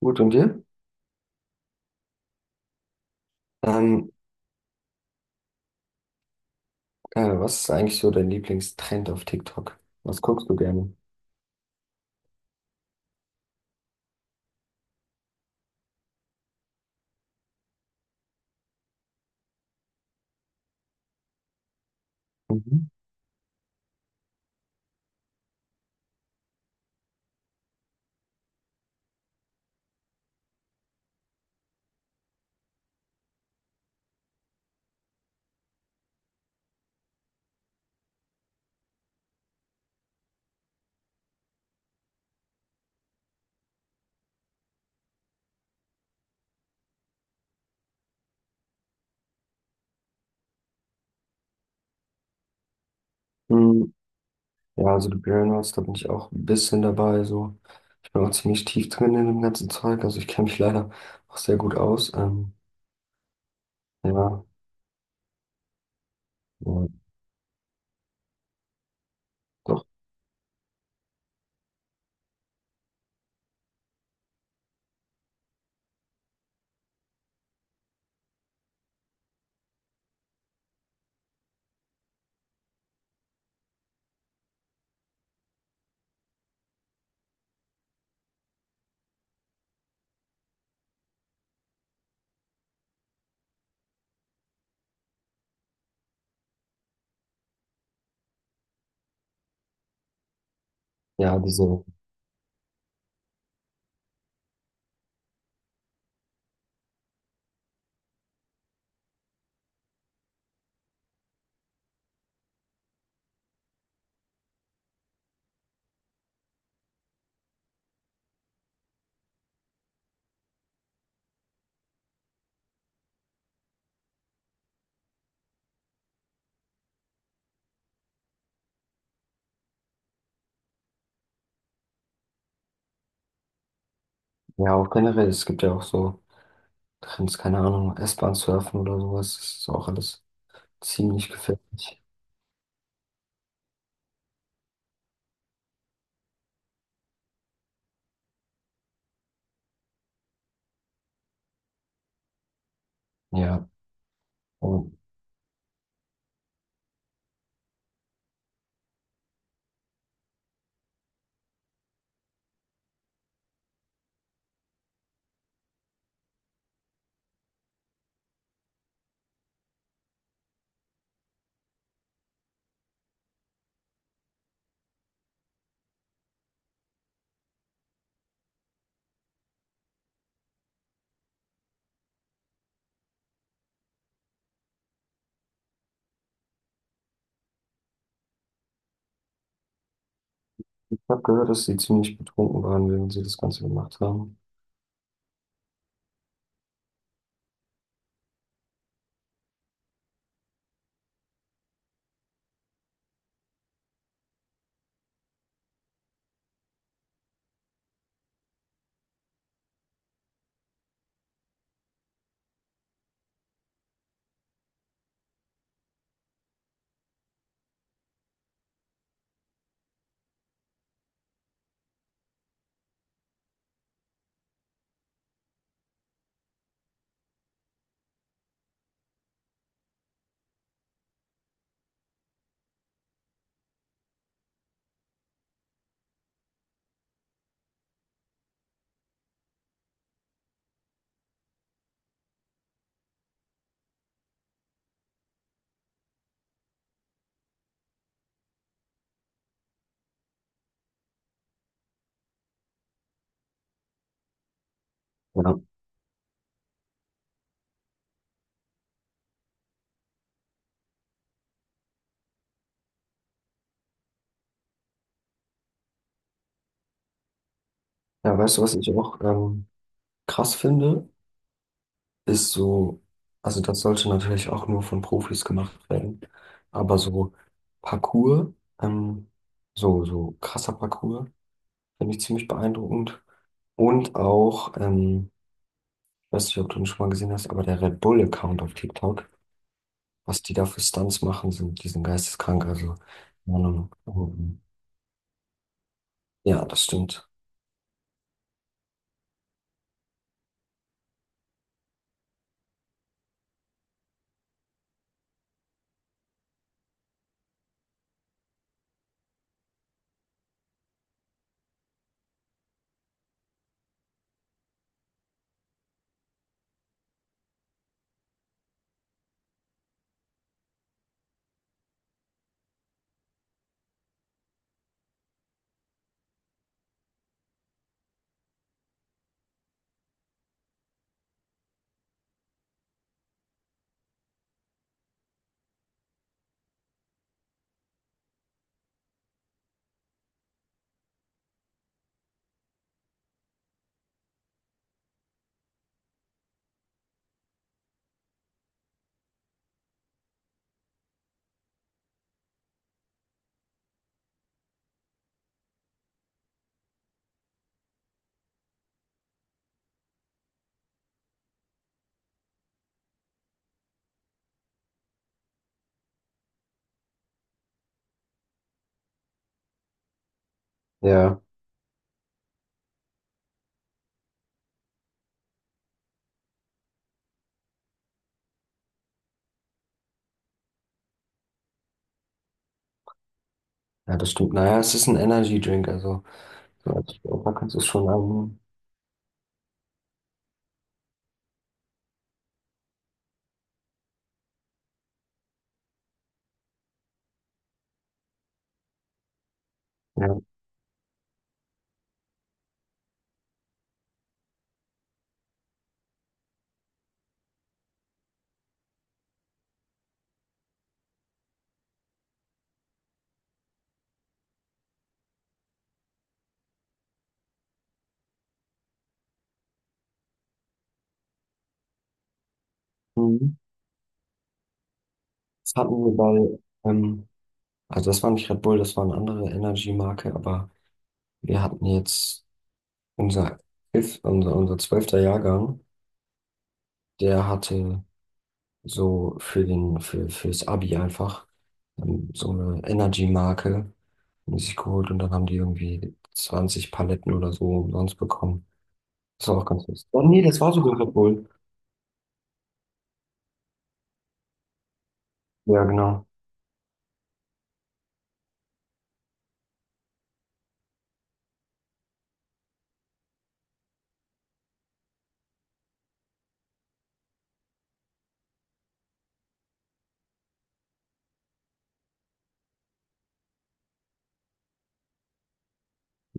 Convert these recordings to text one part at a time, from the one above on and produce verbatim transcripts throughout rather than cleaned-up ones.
Gut, und dir? Ähm, äh, Was ist eigentlich so dein Lieblingstrend auf TikTok? Was guckst du gerne? Mhm. Hm, Ja, also die Burnout, da bin ich auch ein bisschen dabei. So. Ich bin auch ziemlich tief drin in dem ganzen Zeug. Also ich kenne mich leider auch sehr gut aus. Ähm, ja, ja, doch. Ja, diese, ja, auch generell, es gibt ja auch so Trends, keine Ahnung, S-Bahn surfen oder sowas. Das ist auch alles ziemlich gefährlich. Ja. Und ich habe gehört, dass sie ziemlich betrunken waren, während sie das Ganze gemacht haben. Ja, ja, weißt du, was ich auch ähm, krass finde, ist so, also das sollte natürlich auch nur von Profis gemacht werden, aber so Parkour, ähm, so, so krasser Parkour, finde ich ziemlich beeindruckend. Und auch, ähm, weiß nicht, ob du ihn schon mal gesehen hast, aber der Red Bull-Account auf TikTok, was die da für Stunts machen, sind, die sind geisteskrank, also, keine Ahnung. Ähm, ja, das stimmt. Ja, ja, das stimmt. Naja, es ist ein Energy Drink, also, so als Sportler kannst du es schon annehmen. Mhm. Das hatten wir bei, ähm, also das war nicht Red Bull, das war eine andere Energy-Marke, aber wir hatten jetzt unser, elf, unser, unser zwölfter Jahrgang, der hatte so für den, für, fürs Abi einfach, ähm, so eine Energy-Marke haben die sich geholt und dann haben die irgendwie zwanzig Paletten oder so umsonst bekommen. Das war auch ganz lustig. Oh nee, das war sogar Red Bull. Ja, genau.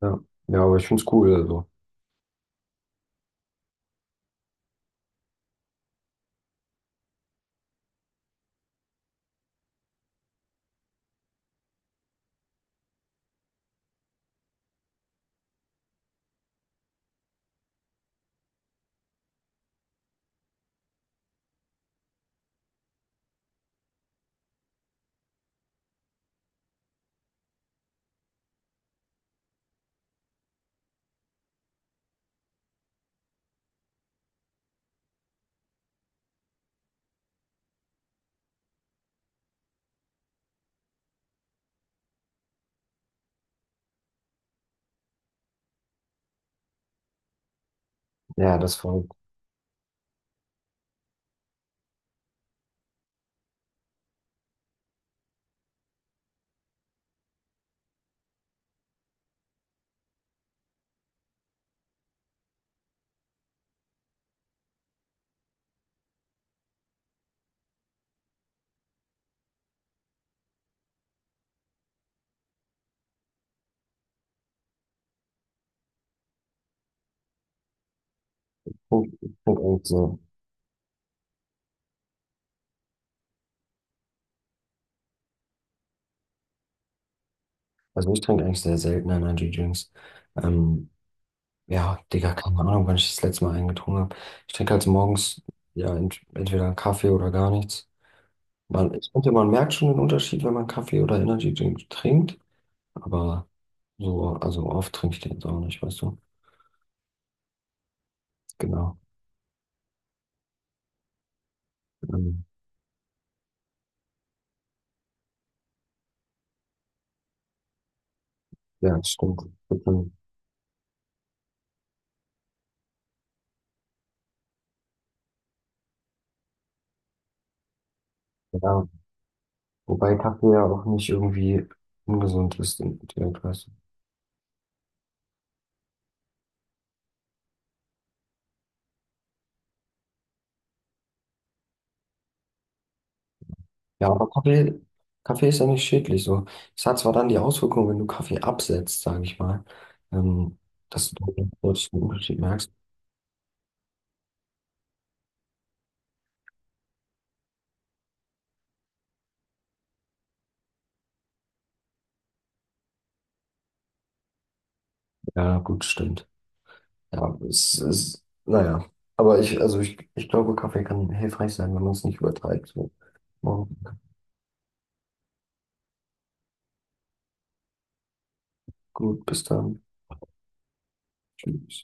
Ja, ja, aber ich find's cool, also. Ja, das war, ich find eigentlich so. Also ich trinke eigentlich sehr selten Energy-Drinks. Ähm, ja, Digga, keine Ahnung, wann ich das letzte Mal einen getrunken habe. Ich trinke halt so morgens ja ent entweder einen Kaffee oder gar nichts. Man, ich finde, man merkt schon den Unterschied, wenn man Kaffee oder Energy-Drink trinkt, aber so, also oft trinke ich den jetzt auch nicht, weißt du? Genau. Ähm, ja, das stimmt. Ja, wobei Kaffee ja auch nicht irgendwie ungesund ist, direkt, weißt du? Ja, aber Kaffee, Kaffee ist ja nicht schädlich. So. Es hat zwar dann die Auswirkung, wenn du Kaffee absetzt, sage ich mal, ähm, dass du dann plötzlich einen Unterschied merkst. Ja, gut, stimmt. Ja, es ist, naja. Aber ich, also ich, ich glaube, Kaffee kann hilfreich sein, wenn man es nicht übertreibt. So. Morgen. Gut, bis dann. Tschüss.